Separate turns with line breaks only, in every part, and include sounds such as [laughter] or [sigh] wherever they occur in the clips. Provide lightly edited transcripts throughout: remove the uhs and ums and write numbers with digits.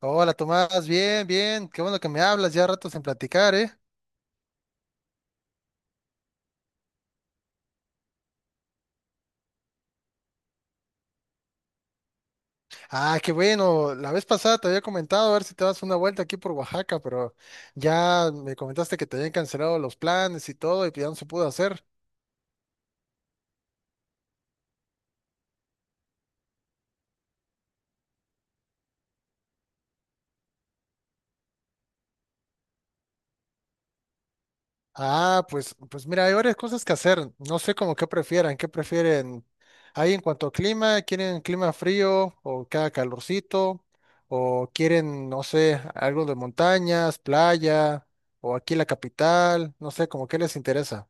Hola Tomás, bien, bien, qué bueno que me hablas, ya ratos en platicar, ¿eh? Ah, qué bueno, la vez pasada te había comentado a ver si te das una vuelta aquí por Oaxaca, pero ya me comentaste que te habían cancelado los planes y todo y que ya no se pudo hacer. Ah, pues mira, hay varias cosas que hacer, no sé como qué qué prefieren ahí en cuanto a clima. ¿Quieren clima frío o que haga calorcito? ¿O quieren, no sé, algo de montañas, playa o aquí la capital? No sé, como qué les interesa.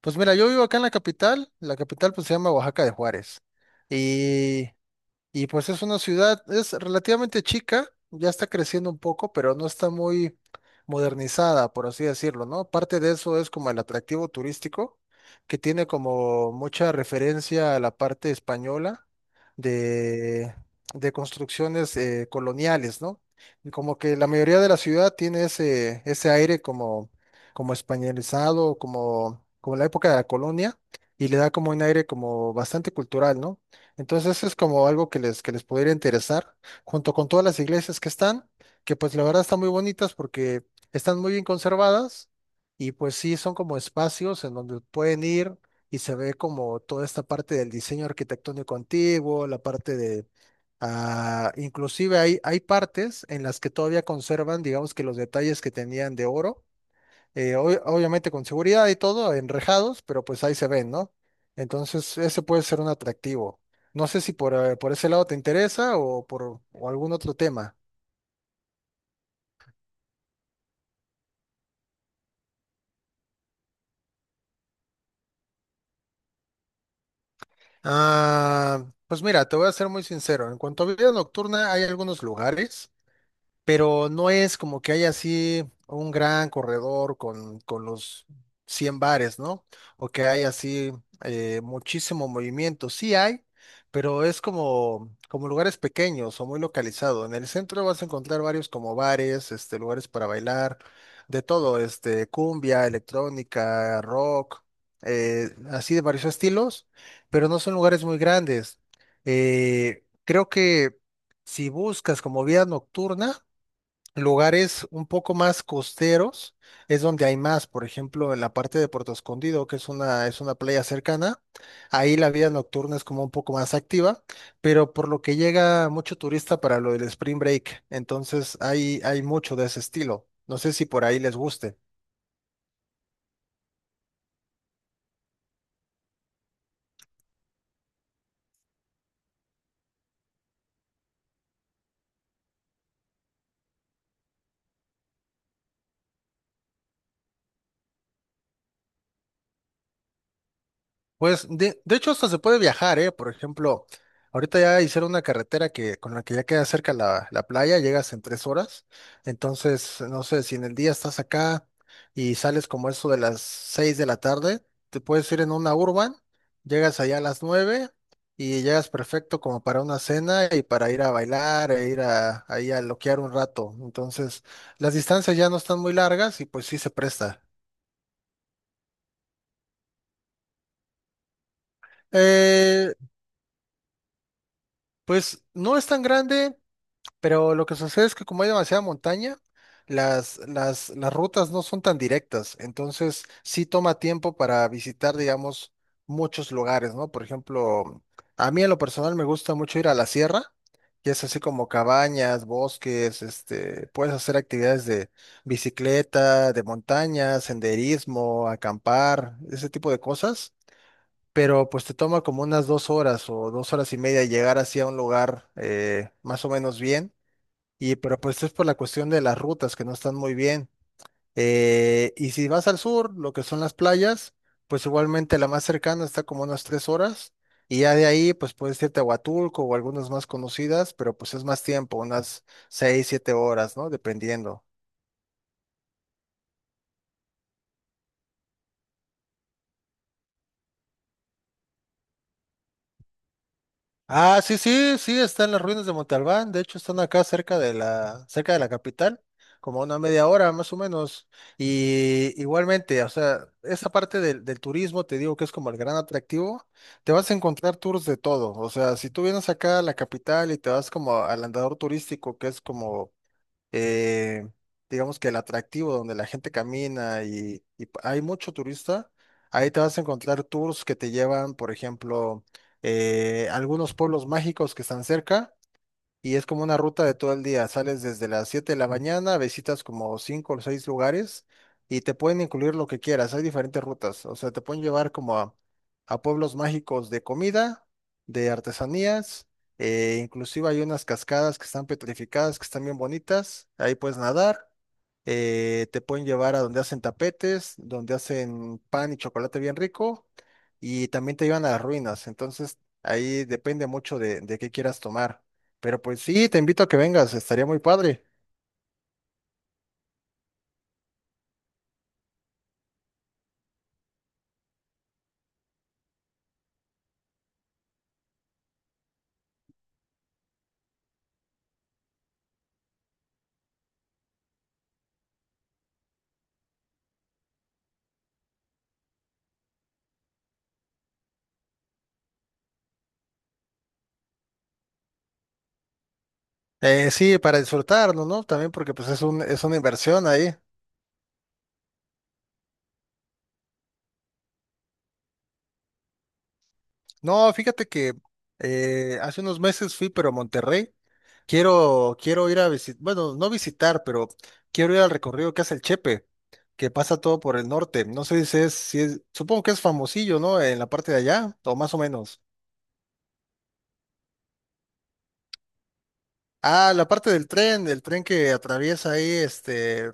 Pues mira, yo vivo acá en la capital pues se llama Oaxaca de Juárez. Y y pues es una ciudad, es relativamente chica, ya está creciendo un poco, pero no está muy modernizada, por así decirlo, ¿no? Parte de eso es como el atractivo turístico, que tiene como mucha referencia a la parte española de, de construcciones coloniales, ¿no? Y como que la mayoría de la ciudad tiene ese aire como, como españolizado, como la época de la colonia, y le da como un aire como bastante cultural, ¿no? Entonces eso es como algo que les pudiera interesar, junto con todas las iglesias que están, que pues la verdad están muy bonitas porque están muy bien conservadas y pues sí, son como espacios en donde pueden ir y se ve como toda esta parte del diseño arquitectónico antiguo, ah, inclusive hay partes en las que todavía conservan, digamos que los detalles que tenían de oro obviamente con seguridad y todo, enrejados, pero pues ahí se ven, ¿no? Entonces, ese puede ser un atractivo. No sé si por, por ese lado te interesa o por o algún otro tema. Ah, pues mira, te voy a ser muy sincero. En cuanto a vida nocturna, hay algunos lugares, pero no es como que haya así un gran corredor con los 100 bares, ¿no? O que haya así muchísimo movimiento. Sí hay, pero es como lugares pequeños o muy localizado. En el centro vas a encontrar varios como bares, este, lugares para bailar, de todo, este, cumbia, electrónica, rock, así de varios estilos, pero no son lugares muy grandes. Creo que si buscas como vida nocturna, lugares un poco más costeros es donde hay más, por ejemplo, en la parte de Puerto Escondido, que es una playa cercana, ahí la vida nocturna es como un poco más activa, pero por lo que llega mucho turista para lo del Spring Break, entonces hay mucho de ese estilo. No sé si por ahí les guste. Pues de hecho hasta se puede viajar, ¿eh? Por ejemplo, ahorita ya hicieron una carretera que con la que ya queda cerca la playa, llegas en 3 horas. Entonces, no sé, si en el día estás acá y sales como eso de las 6 de la tarde, te puedes ir en una urban, llegas allá a las 9 y llegas perfecto como para una cena y para ir a bailar e ir a, ahí a loquear un rato. Entonces, las distancias ya no están muy largas y pues sí se presta. Eh, pues no es tan grande. Pero lo que sucede es que como hay demasiada montaña, las rutas no son tan directas, entonces sí toma tiempo para visitar, digamos, muchos lugares, ¿no? Por ejemplo, a mí en lo personal me gusta mucho ir a la sierra, que es así como cabañas, bosques, este, puedes hacer actividades de bicicleta, de montaña, senderismo, acampar, ese tipo de cosas. Pero pues te toma como unas 2 horas o 2 horas y media llegar hacia un lugar más o menos bien y pero pues es por la cuestión de las rutas que no están muy bien. Y si vas al sur, lo que son las playas, pues igualmente la más cercana está como unas 3 horas. Y ya de ahí, pues puedes irte a Huatulco o algunas más conocidas, pero pues es más tiempo, unas 6, 7 horas, ¿no? Dependiendo. Ah, sí, sí, sí, están las ruinas de Montalbán. De hecho, están acá cerca de cerca de la capital, como a una media hora más o menos. Y igualmente, o sea, esa parte del turismo, te digo que es como el gran atractivo. Te vas a encontrar tours de todo. O sea, si tú vienes acá a la capital y te vas como al andador turístico, que es como eh, digamos que el atractivo donde la gente camina y hay mucho turista, ahí te vas a encontrar tours que te llevan, por ejemplo, algunos pueblos mágicos que están cerca y es como una ruta de todo el día. Sales desde las 7 de la mañana, visitas como 5 o 6 lugares y te pueden incluir lo que quieras. Hay diferentes rutas. O sea, te pueden llevar como a pueblos mágicos de comida, de artesanías, inclusive hay unas cascadas que están petrificadas, que están bien bonitas. Ahí puedes nadar. Te pueden llevar a donde hacen tapetes, donde hacen pan y chocolate bien rico. Y también te llevan a las ruinas. Entonces, ahí depende mucho de qué quieras tomar. Pero pues sí, te invito a que vengas, estaría muy padre. Sí, para disfrutarlo, ¿no? También porque pues es una inversión ahí. No, fíjate que hace unos meses fui, pero a Monterrey. Quiero ir a visitar, bueno, no visitar, pero quiero ir al recorrido que hace el Chepe, que pasa todo por el norte. No sé si es, supongo que es famosillo, ¿no? En la parte de allá, o más o menos. Ah, la parte del tren que atraviesa ahí, este,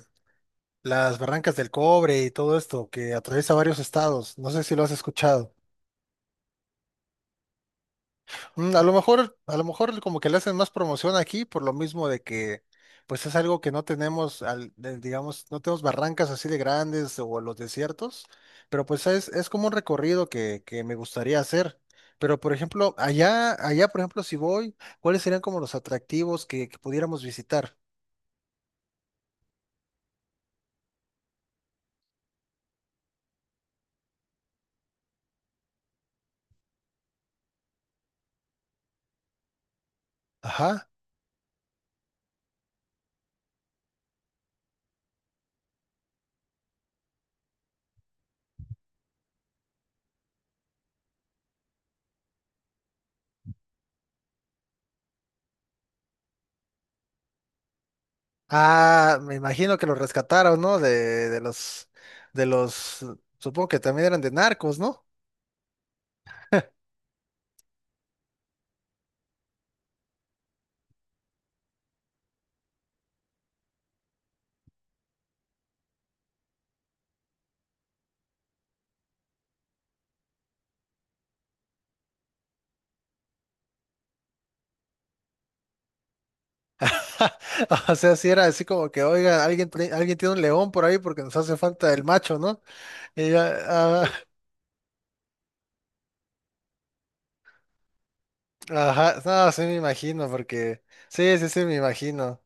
Las Barrancas del Cobre y todo esto que atraviesa varios estados. No sé si lo has escuchado. A lo mejor, como que le hacen más promoción aquí por lo mismo de que pues es algo que no tenemos, digamos, no tenemos barrancas así de grandes o los desiertos, pero pues es como un recorrido que me gustaría hacer. Pero por ejemplo, allá por ejemplo, si voy, ¿cuáles serían como los atractivos que pudiéramos visitar? Ajá. Ah, me imagino que los rescataron, ¿no? De los, supongo que también eran de narcos, ¿no? [laughs] O sea, si era así como que, oiga, alguien, alguien tiene un león por ahí porque nos hace falta el macho, ¿no? Y ya, ah, [laughs] ajá, no, sí me imagino, porque, sí, sí, sí, me imagino.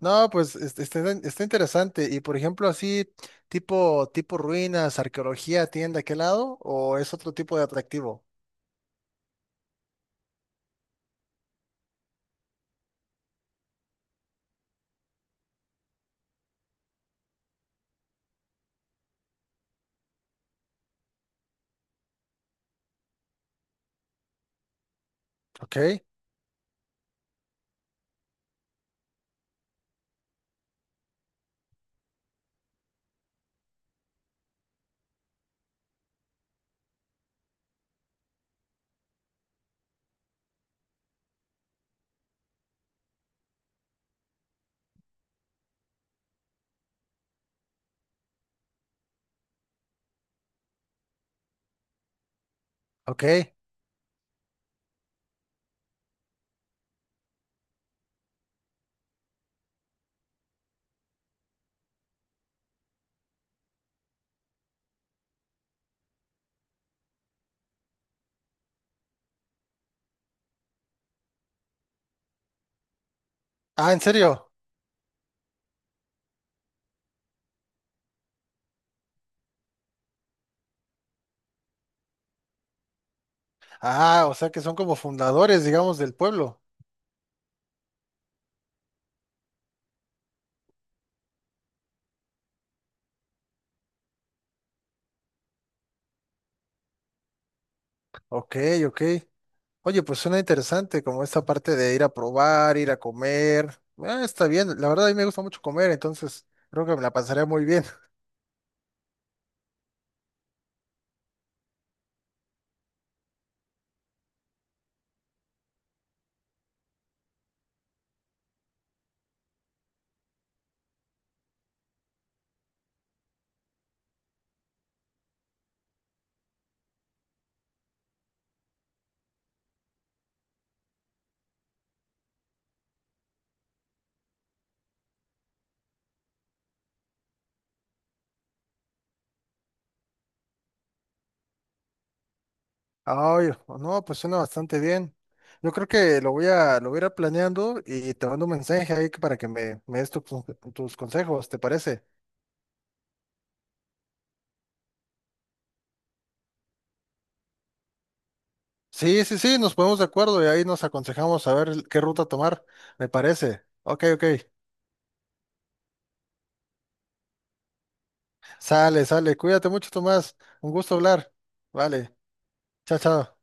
No, pues está, interesante. Y por ejemplo, así, tipo ruinas, arqueología, ¿tienen de aquel lado? ¿O es otro tipo de atractivo? Ok, ok. Ah, ¿en serio? Ah, o sea que son como fundadores, digamos, del pueblo. Ok, ok. Oye, pues suena interesante, como esta parte de ir a probar, ir a comer. Ah, está bien, la verdad a mí me gusta mucho comer, entonces creo que me la pasaré muy bien. [laughs] Ay, no, pues suena bastante bien. Yo creo que lo voy a ir planeando y te mando un mensaje ahí que- para que me des tus consejos, ¿te parece? Sí, sí, sí, nos ponemos de acuerdo y ahí nos aconsejamos a ver qué ruta tomar, me parece. Ok, ok. Sale, sale. Cuídate mucho, Tomás. Un gusto hablar. Vale. Chao, chao.